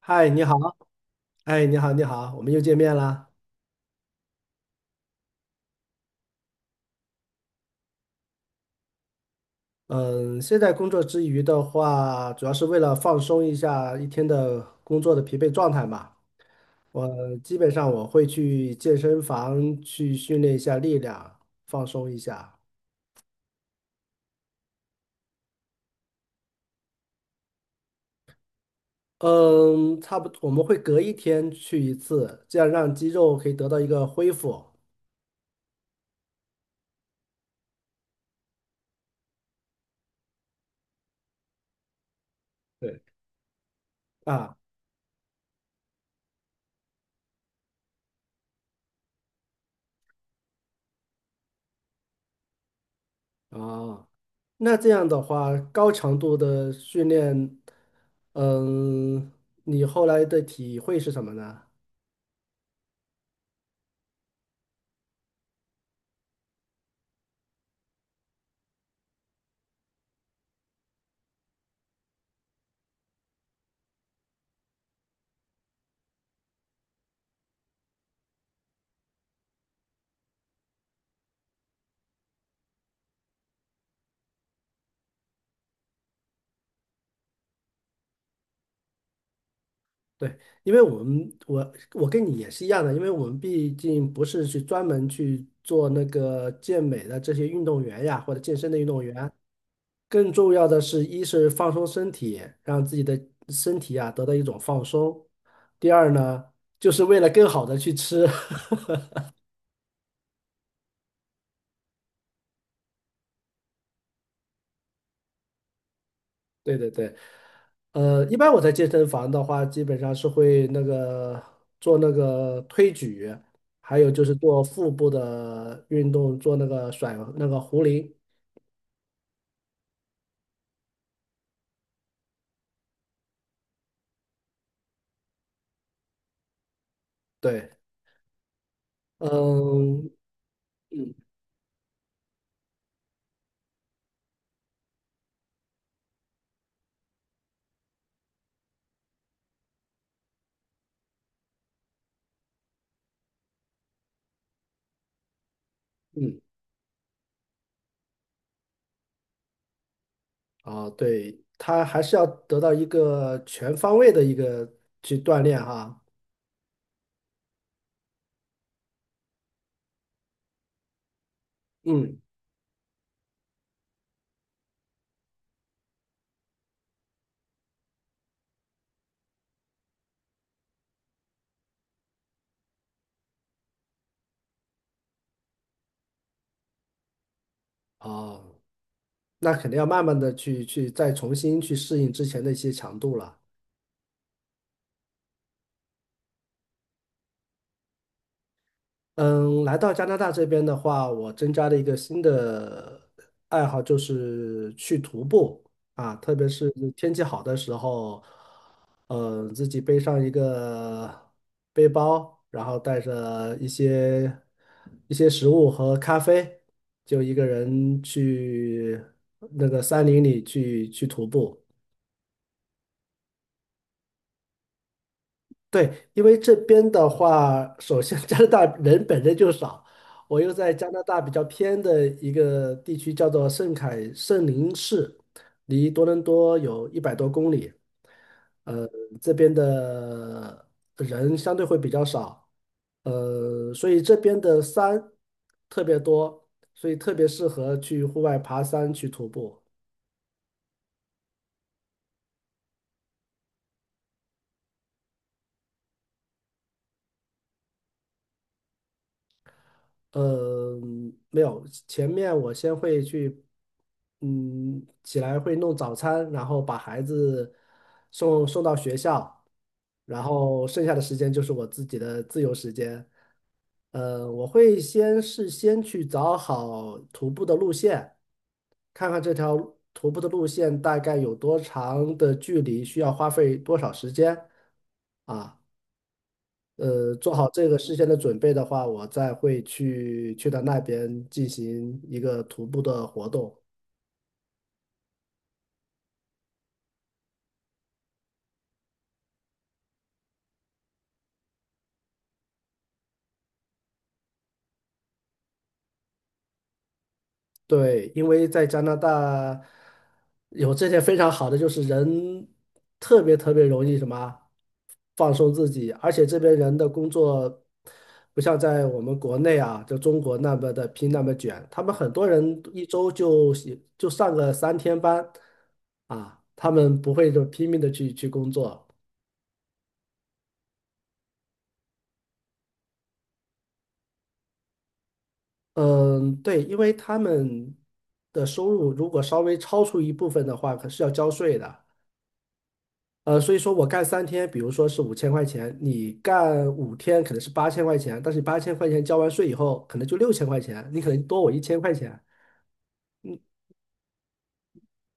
嗨，你好。哎，你好，你好，我们又见面啦。嗯，现在工作之余的话，主要是为了放松一下一天的工作的疲惫状态嘛。我基本上会去健身房去训练一下力量，放松一下。嗯，差不多，我们会隔一天去一次，这样让肌肉可以得到一个恢复。对。啊。啊，那这样的话，高强度的训练，嗯，你后来的体会是什么呢？对，因为我们我我跟你也是一样的，因为我们毕竟不是去专门去做那个健美的这些运动员呀，或者健身的运动员，更重要的是，一是放松身体，让自己的身体啊得到一种放松；第二呢，就是为了更好的去吃。对对对，一般我在健身房的话，基本上是会那个做那个推举，还有就是做腹部的运动，做那个甩那个壶铃。对。嗯嗯嗯。啊，对，他还是要得到一个全方位的一个去锻炼哈。嗯。哦，那肯定要慢慢的去再重新去适应之前的一些强度了。嗯，来到加拿大这边的话，我增加了一个新的爱好，就是去徒步啊。特别是天气好的时候，自己背上一个背包，然后带着一些食物和咖啡，就一个人去那个山林里去徒步。对，因为这边的话，首先加拿大人本身就少，我又在加拿大比较偏的一个地区，叫做圣凯圣林市，离多伦多有100多公里。呃，这边的人相对会比较少。所以这边的山特别多，所以特别适合去户外爬山去徒步。呃，没有，前面我先会去，起来会弄早餐，然后把孩子送到学校，然后剩下的时间就是我自己的自由时间。我会先事先去找好徒步的路线，看看这条徒步的路线大概有多长的距离，需要花费多少时间啊。做好这个事先的准备的话，我再会去到那边进行一个徒步的活动。对，因为在加拿大有这些非常好的，就是人特别特别容易什么放松自己，而且这边人的工作不像在我们国内啊，就中国那么的拼那么卷，他们很多人一周就上个三天班啊，他们不会就拼命的去工作。嗯，对，因为他们的收入如果稍微超出一部分的话，可是要交税的。所以说我干三天，比如说是5000块钱，你干5天可能是八千块钱，但是你八千块钱交完税以后，可能就6000块钱，你可能多我1000块钱。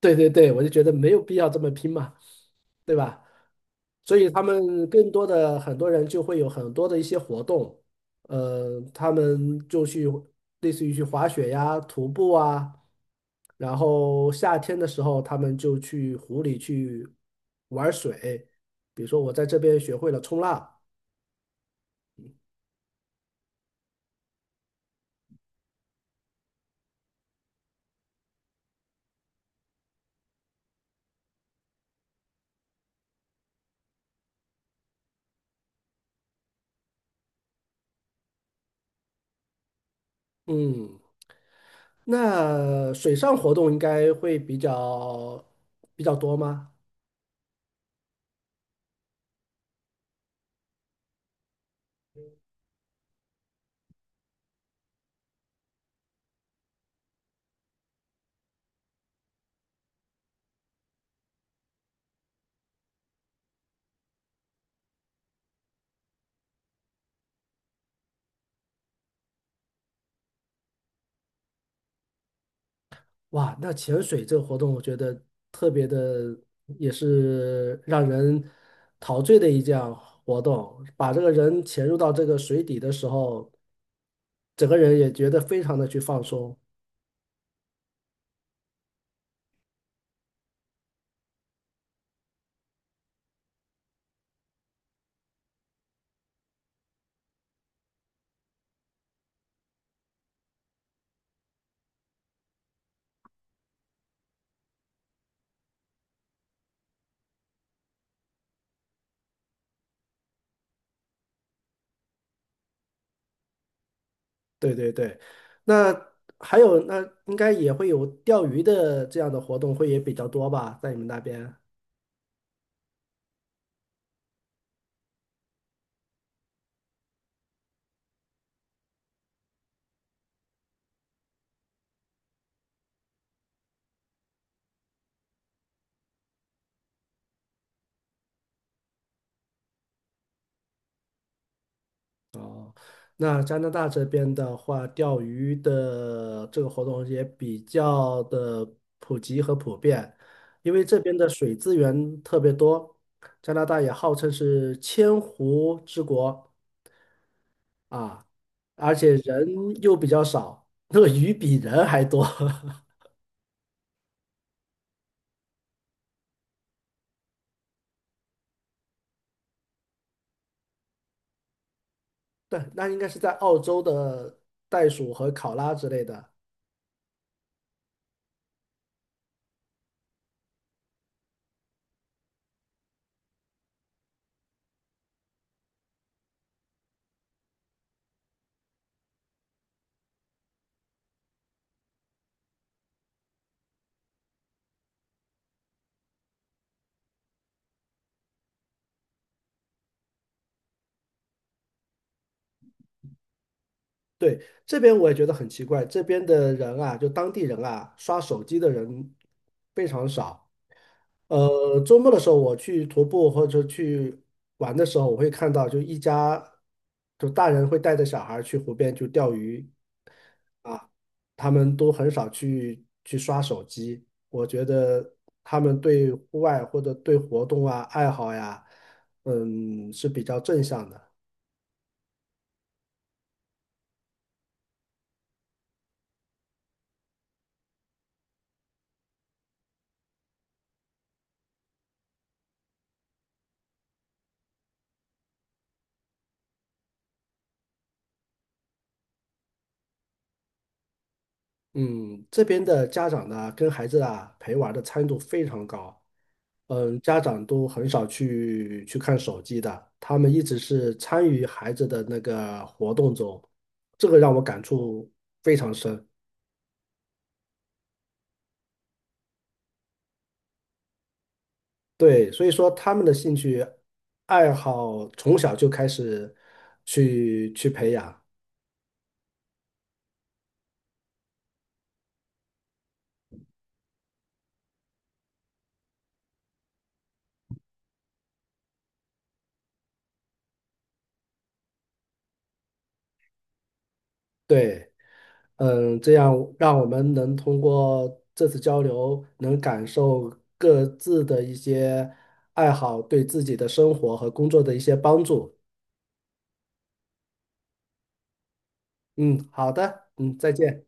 对对对，我就觉得没有必要这么拼嘛，对吧？所以他们更多的很多人就会有很多的一些活动，他们就去类似于去滑雪呀、徒步啊，然后夏天的时候他们就去湖里去玩水，比如说我在这边学会了冲浪。嗯，那水上活动应该会比较多吗？哇，那潜水这个活动，我觉得特别的，也是让人陶醉的一项活动。把这个人潜入到这个水底的时候，整个人也觉得非常的去放松。对对对，那还有那应该也会有钓鱼的这样的活动，会也比较多吧，在你们那边？哦，那加拿大这边的话，钓鱼的这个活动也比较的普及和普遍，因为这边的水资源特别多，加拿大也号称是千湖之国啊，而且人又比较少，那个鱼比人还多。对，那应该是在澳洲的袋鼠和考拉之类的。对，这边我也觉得很奇怪，这边的人啊，就当地人啊，刷手机的人非常少。周末的时候我去徒步或者去玩的时候，我会看到就一家就大人会带着小孩儿去湖边去钓鱼啊，他们都很少去刷手机。我觉得他们对户外或者对活动啊爱好呀，是比较正向的。嗯，这边的家长呢，跟孩子啊陪玩儿的参与度非常高。嗯，家长都很少去看手机的，他们一直是参与孩子的那个活动中，这个让我感触非常深。对，所以说他们的兴趣爱好从小就开始去培养。对。嗯，这样让我们能通过这次交流，能感受各自的一些爱好对自己的生活和工作的一些帮助。嗯，好的。嗯，再见。